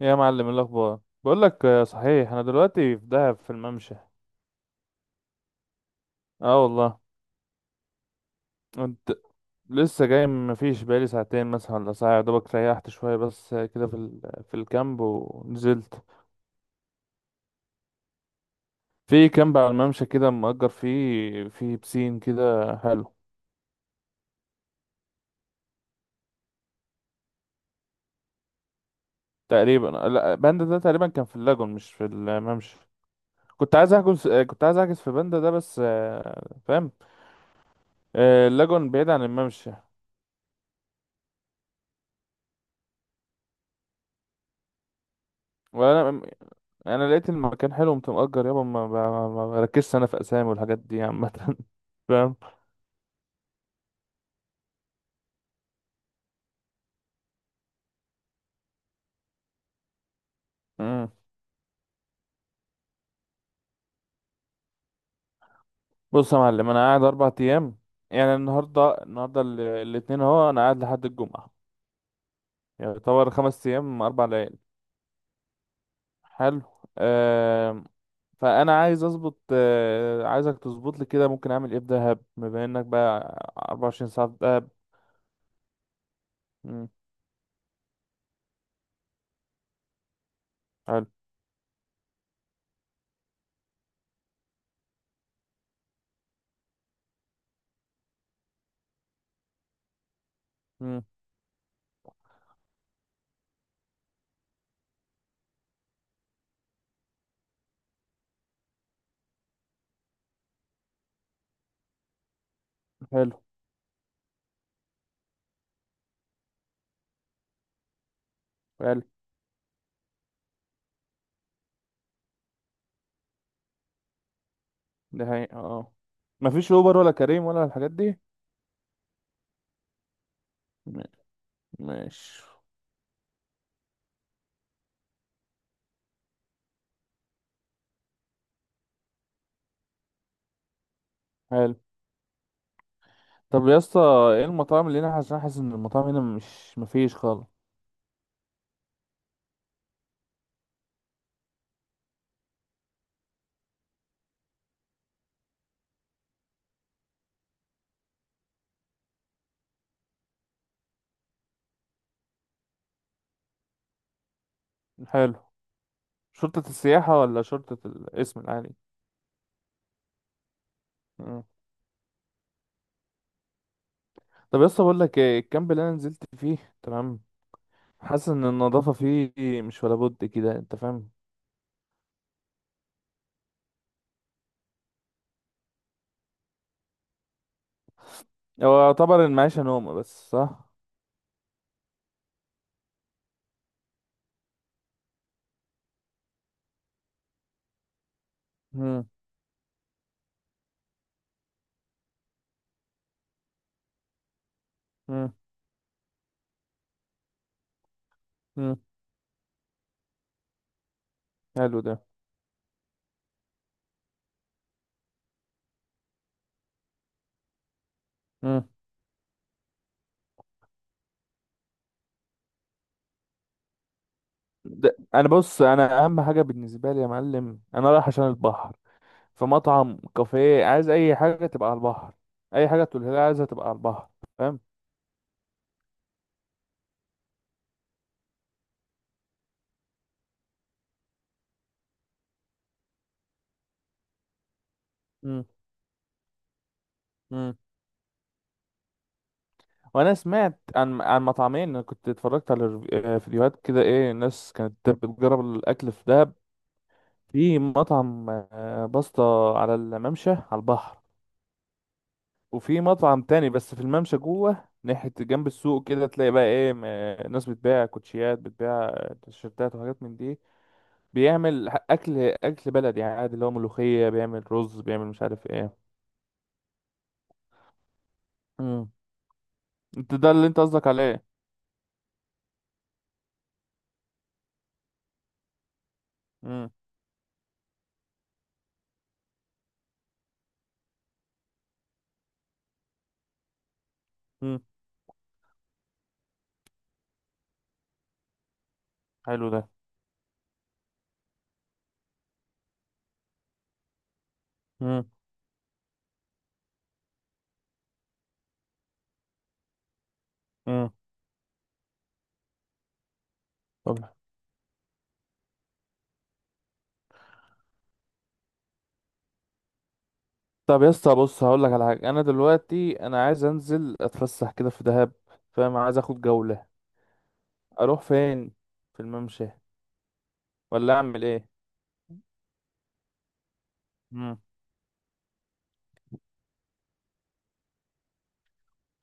يا معلم، إيه الاخبار؟ بقول لك، صحيح انا دلوقتي في دهب في الممشى. اه والله. كنت لسه جاي، مفيش بقالي ساعتين مثلا ولا ساعه، يا دوبك ريحت شويه، بس كده في في الكامب ونزلت. في كامب على الممشى كده، مأجر فيه، في بسين كده حلو. تقريبا لا، باندا ده تقريبا كان في اللاجون مش في الممشى. كنت عايز احجز في باندا ده، بس فاهم. اللاجون بعيد عن الممشى. ولا، انا لقيت المكان حلو قمت مأجر. يابا ما بركزش انا في اسامي والحاجات دي عامه فاهم. امم. بص يا معلم، انا قاعد 4 ايام. يعني النهارده، الاتنين اهو، انا قاعد لحد الجمعه. يعني يعتبر 5 ايام 4 ليالي. حلو. آه. فانا عايز اظبط، عايزك تظبط لي كده، ممكن اعمل ايه في دهب بما انك بقى 24 ساعه في دهب؟ مم، حلو. مم، حلو. حلو ده. حقيقة اه. مفيش اوبر ولا كريم ولا الحاجات دي. م- ماشي. حلو. طب يا اسطى، ايه المطاعم اللي هنا؟ عشان حاسس ان المطاعم هنا مش مفيش خالص. حلو. شرطة السياحة ولا شرطة الاسم العالي؟ مم. طب يا اسطى، بقول لك ايه، الكامب اللي انا نزلت فيه تمام، حاسس ان النظافة فيه مش ولا بد كده، انت فاهم. هو يعتبر المعيشة نومة بس، صح؟ مم. مم. مم. حلو ده. مم. ده انا، بص، انا اهم حاجة بالنسبة لي يا معلم، انا رايح عشان البحر. في مطعم، كافيه، عايز اي حاجة تبقى على البحر. اي حاجة تقولها لي عايزها تبقى على البحر، فاهم. مم. وانا سمعت عن مطعمين، انا كنت اتفرجت على فيديوهات كده، ايه الناس كانت بتجرب الاكل في دهب. في مطعم باستا، على الممشى على البحر. وفي مطعم تاني بس في الممشى جوه، ناحية جنب السوق كده، تلاقي بقى ايه ناس بتبيع كوتشيات، بتبيع تيشيرتات وحاجات من دي. بيعمل اكل بلدي عادي، اللي هو ملوخية، بيعمل رز، بيعمل مش عارف ايه. مم. انت ده اللي انت قصدك عليه؟ مم. مم. حلو ده. مم. مم. طب، طب يا اسطى، بص، هقول لك على حاجه، انا دلوقتي انا عايز انزل اتفسح كده في دهب، فاهم، عايز اخد جوله. اروح فين؟ في الممشى ولا اعمل ايه؟ امم.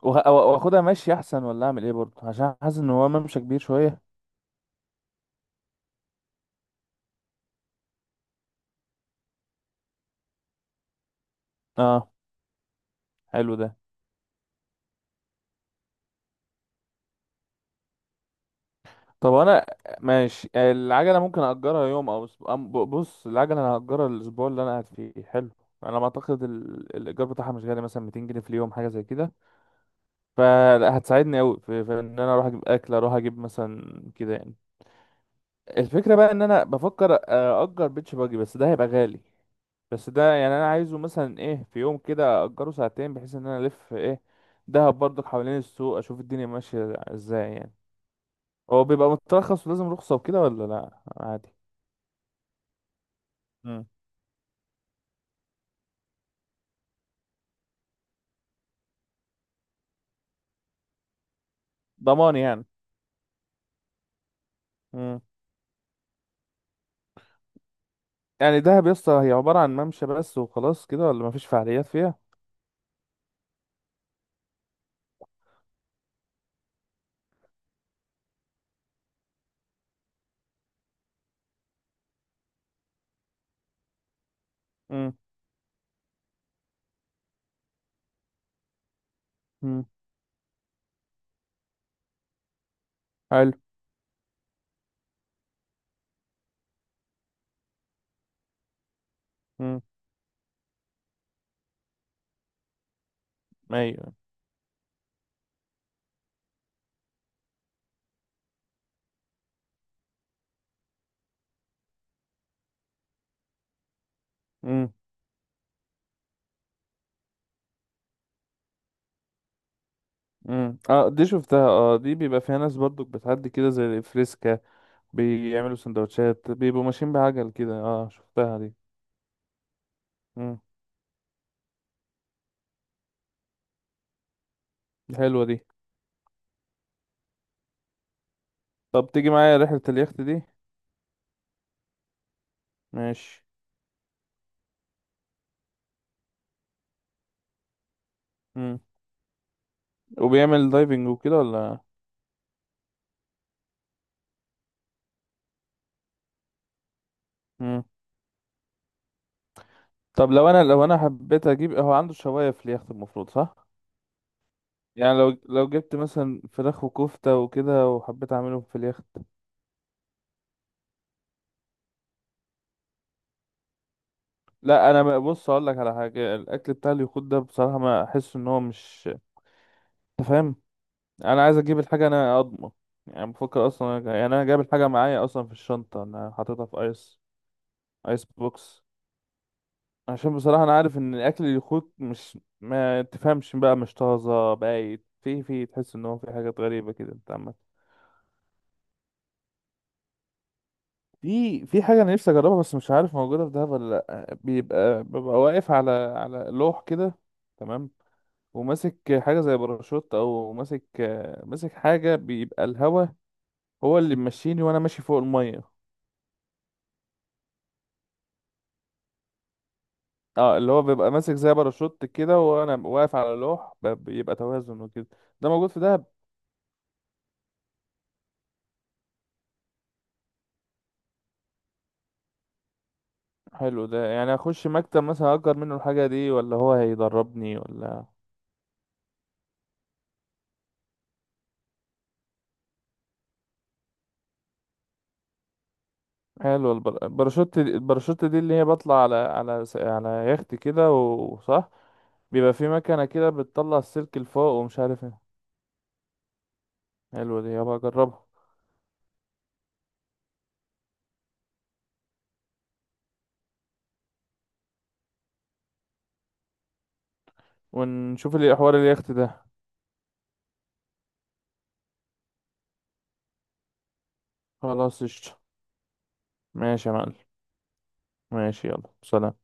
واخدها ماشي احسن ولا اعمل ايه برضه؟ عشان حاسس ان هو ممشى كبير شويه. اه. حلو ده. طب انا ماشي، العجله ممكن اجرها يوم او اسبوع؟ بص، العجله انا هاجرها الاسبوع اللي انا قاعد فيه، حلو. انا ما اعتقد الايجار بتاعها مش غالي، مثلا 200 جنيه في اليوم، حاجه زي كده. فهتساعدني قوي في ان انا اروح اجيب اكل، اروح اجيب مثلا كده يعني. الفكرة بقى ان انا بفكر اجر بيتش باجي، بس ده هيبقى غالي. بس ده يعني انا عايزه مثلا ايه، في يوم كده اجره ساعتين، بحيث ان انا الف ايه دهب برضك حوالين السوق، اشوف الدنيا ماشية ازاي يعني. هو بيبقى مترخص ولازم رخصة وكده ولا لا عادي؟ مم. ضمان يعني. مم. يعني دهب يسطا هي عبارة عن ممشى بس وخلاص كده، ولا مفيش فعاليات فيها؟ مم. مم. حلو. مم. ايوه. مم. مم. اه دي شفتها، اه دي بيبقى فيها ناس برضو بتعدي كده زي الفريسكا، بيعملوا سندوتشات، بيبقوا ماشيين بعجل كده. اه شفتها دي. امم. حلوة دي. طب تيجي معايا رحلة اليخت دي؟ ماشي. امم. وبيعمل دايفنج وكده ولا؟ امم. طب لو انا، حبيت اجيب، هو عنده شواية في اليخت المفروض، صح؟ يعني لو جبت مثلا فراخ وكفتة وكده، وحبيت اعملهم في اليخت. لا، بص، اقول لك على حاجة، الاكل بتاع اليخوت ده بصراحة ما احس ان هو مش، انت فاهم، انا عايز اجيب الحاجه انا اضمن. يعني بفكر اصلا، يعني انا جايب الحاجه معايا اصلا في الشنطه، انا حاططها في ايس، ايس بوكس. عشان بصراحه انا عارف ان الاكل اللي يخوت مش، ما تفهمش بقى، مش طازه، بايت، في تحس ان هو في حاجات غريبه كده انت عمال. في حاجه انا نفسي اجربها بس مش عارف موجوده في دهب ولا لا. بيبقى واقف على لوح كده، تمام. وماسك حاجه زي باراشوت، او ماسك، ماسك حاجه بيبقى الهوا هو اللي ماشيني وانا ماشي فوق الميه. اه اللي هو بيبقى ماسك زي باراشوت كده، وانا واقف على لوح بيبقى توازن وكده. ده موجود في دهب؟ حلو ده، يعني اخش مكتب مثلا اجر منه الحاجه دي، ولا هو هيدربني ولا؟ حلو، الباراشوت الباراشوت دي اللي هي بطلع على على يخت كده، وصح؟ بيبقى في مكنه كده بتطلع السلك لفوق ومش عارف ايه. حلو دي يابا، اجربها. ونشوف الحوار اليخت ده. خلاص قشطة. ماشي يا معلم. ماشي، يلا، سلام.